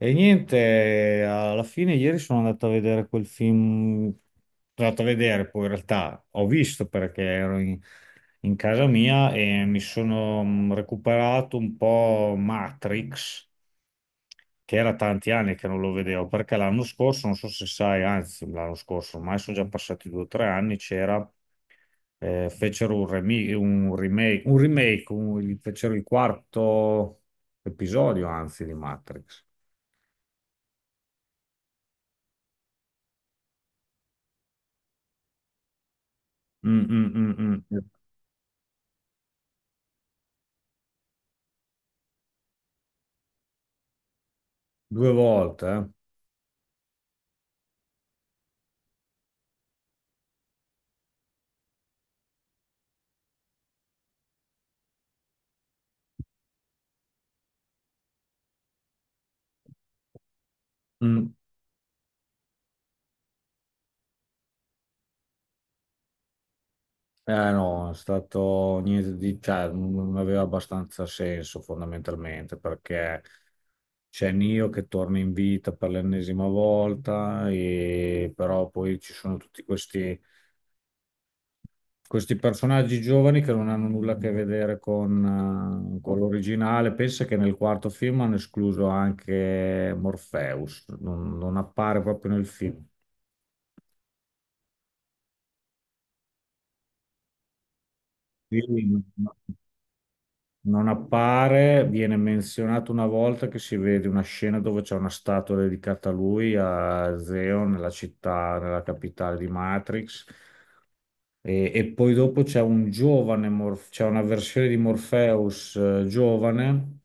E niente, alla fine ieri sono andato a vedere quel film, sono andato a vedere, poi in realtà ho visto perché ero in casa mia e mi sono recuperato un po' Matrix, che era tanti anni che non lo vedevo, perché l'anno scorso, non so se sai, anzi l'anno scorso, ormai sono già passati due o tre anni, c'era, fecero un remake, fecero il quarto episodio, anzi, di Matrix. Mm, mm, mm, mm. Due volte, eh? Mm. No, è stato niente di, cioè, non aveva abbastanza senso fondamentalmente perché c'è Neo che torna in vita per l'ennesima volta, e, però poi ci sono tutti questi, questi personaggi giovani che non hanno nulla a che vedere con l'originale. Pensa che nel quarto film hanno escluso anche Morpheus, non, non appare proprio nel film. Sì, no, no. Non appare, viene menzionato una volta che si vede una scena dove c'è una statua dedicata a lui, a Zeo, nella città, nella capitale di Matrix. E poi dopo c'è un giovane, c'è una versione di Morpheus giovane,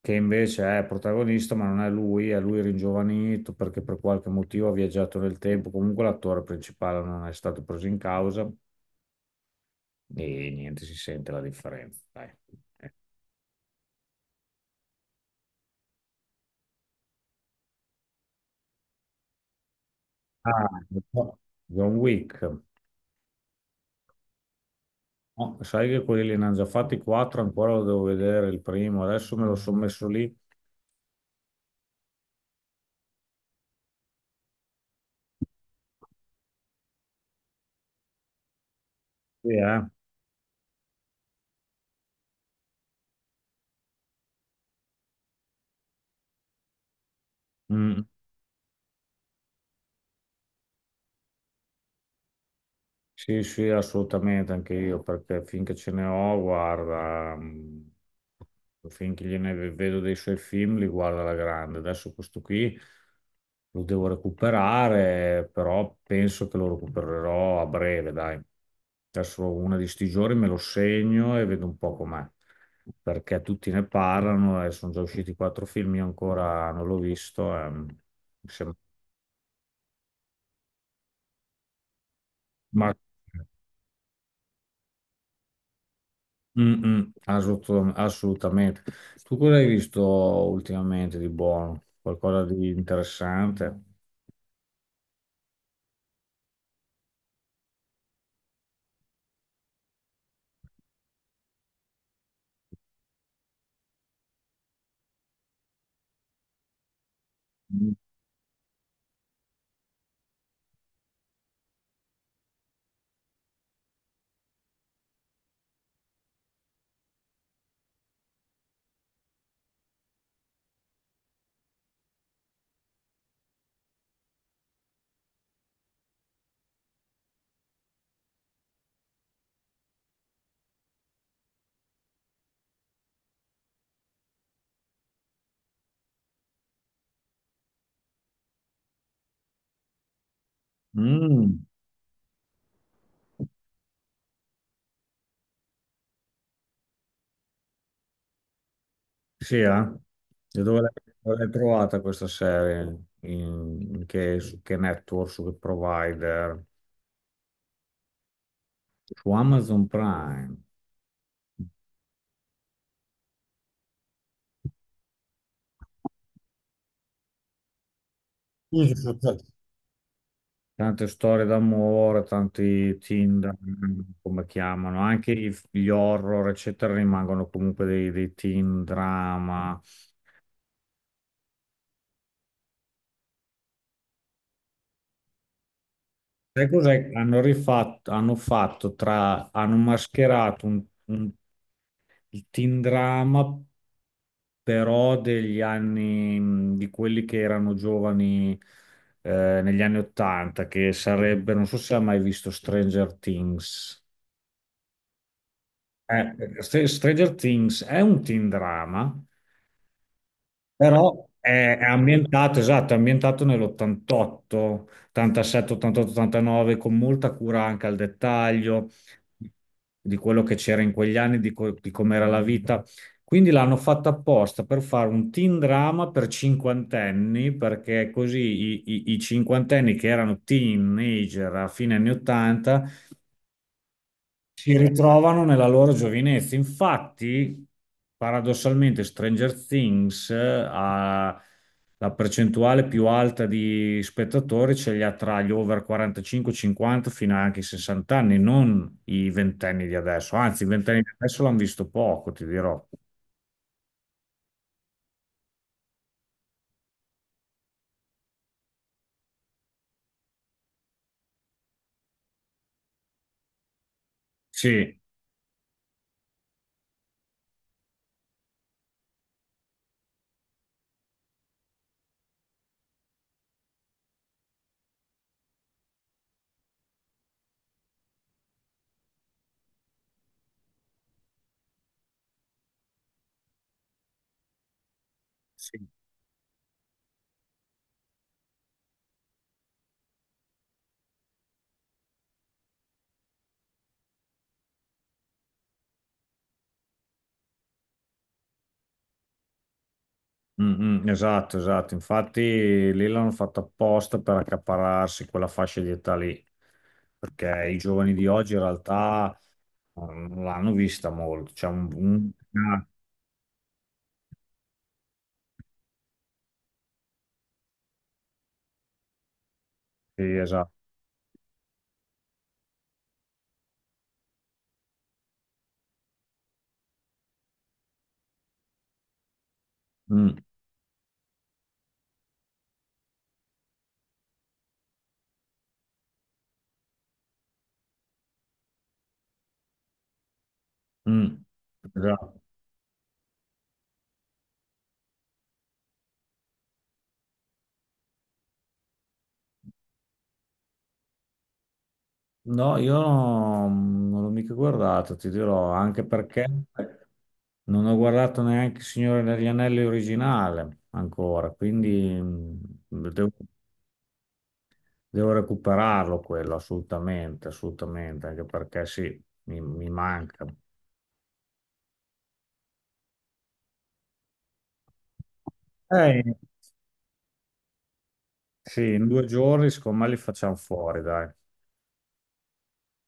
che invece è protagonista, ma non è lui, è lui ringiovanito perché per qualche motivo ha viaggiato nel tempo. Comunque l'attore principale non è stato preso in causa e niente, si sente la differenza. Dai. Ah, no, John Wick. No, sai che quelli li hanno già fatti quattro, ancora lo devo vedere il primo. Adesso me lo sono messo lì. Sì, eh. Mm. Sì, sì, assolutamente, anche io, perché finché ce ne ho, guarda, finché vedo dei suoi film, li guarda alla grande. Adesso questo qui lo devo recuperare, però penso che lo recupererò a breve, dai. Adesso una di sti giorni me lo segno e vedo un po' com'è, perché tutti ne parlano e sono già usciti quattro film, io ancora non l'ho visto. E, mi sembra- Ma... Mm, mm, assolutamente. Tu cosa hai visto ultimamente di buono? Qualcosa di interessante? Mm, mm, sì, eh? E dove l'hai trovata questa serie? Su che network, su che provider? Su Amazon Prime. Sì, sì, sì, certo. Tante storie d'amore, tanti Tinder, come chiamano, anche gli horror, eccetera, rimangono comunque dei teen drama. Sai cos'è? Hanno rifatto, hanno fatto tra, hanno mascherato un il teen drama, però degli anni, di quelli che erano giovani negli anni Ottanta, che sarebbe, non so se ha mai visto Stranger Things. Stranger Things è un teen drama, però è ambientato, esatto, è ambientato nell'88, 87, 88, 89, con molta cura anche al dettaglio di quello che c'era in quegli anni, di, di com'era la vita. Quindi l'hanno fatta apposta per fare un teen drama per cinquantenni, perché così i cinquantenni che erano teenager a fine anni 80 si ritrovano nella loro giovinezza. Infatti, paradossalmente, Stranger Things ha la percentuale più alta di spettatori, ce li ha tra gli over 45, 50 fino anche ai 60 anni, non i ventenni di adesso. Anzi, i ventenni di adesso l'hanno visto poco, ti dirò. Sì, sì. Mm, mm, esatto, esatto. Infatti lì l'hanno fatto apposta per accaparrarsi quella fascia di età lì, perché i giovani di oggi in realtà non l'hanno vista molto, c'è ah, sì, esatto. Mm, mm, esatto. No, io no, non l'ho mica guardata, ti dirò, anche perché non ho guardato neanche il Signore degli Anelli originale ancora, quindi mm, devo, devo recuperarlo quello assolutamente, assolutamente, anche perché sì, mi manca. Eh, sì, in due giorni secondo me li facciamo fuori, dai.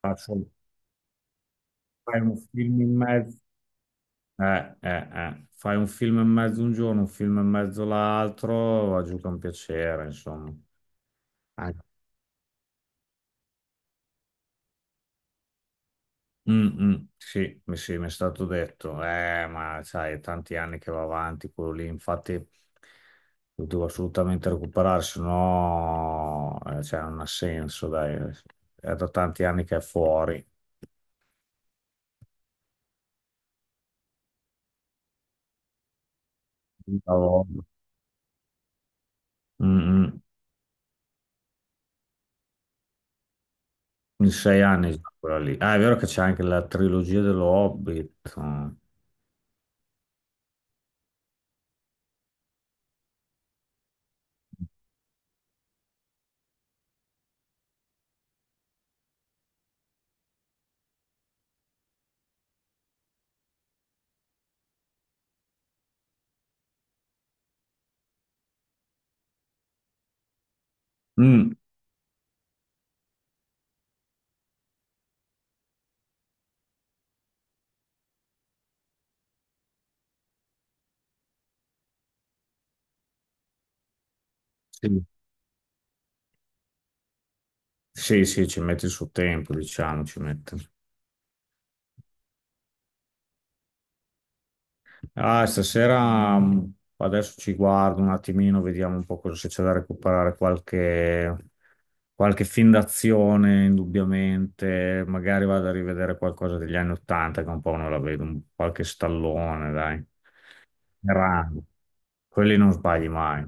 Faccio fai un film in mezzo. Eh. Fai un film e mezzo un giorno, un film e mezzo l'altro, va giù che è un piacere, insomma. Anche- Mm, mm, sì, sì, mi è stato detto, ma sai, è tanti anni che va avanti quello lì, infatti lo devo assolutamente recuperare, se no cioè, non ha senso, dai, è da tanti anni che è fuori. Cavolo. Mm, mm, in sei anni già quella lì. Ah, è vero che c'è anche la trilogia dello Hobbit. Mm, sì. Sì, sì, ci mette il suo tempo, diciamo, ci mette. Ah, stasera adesso ci guardo un attimino, vediamo un po' cosa se c'è da recuperare, qualche, qualche film d'azione, indubbiamente. Magari vado a rivedere qualcosa degli anni Ottanta, che un po' non la vedo, un- qualche stallone, dai. Erano. Quelli non sbagli mai.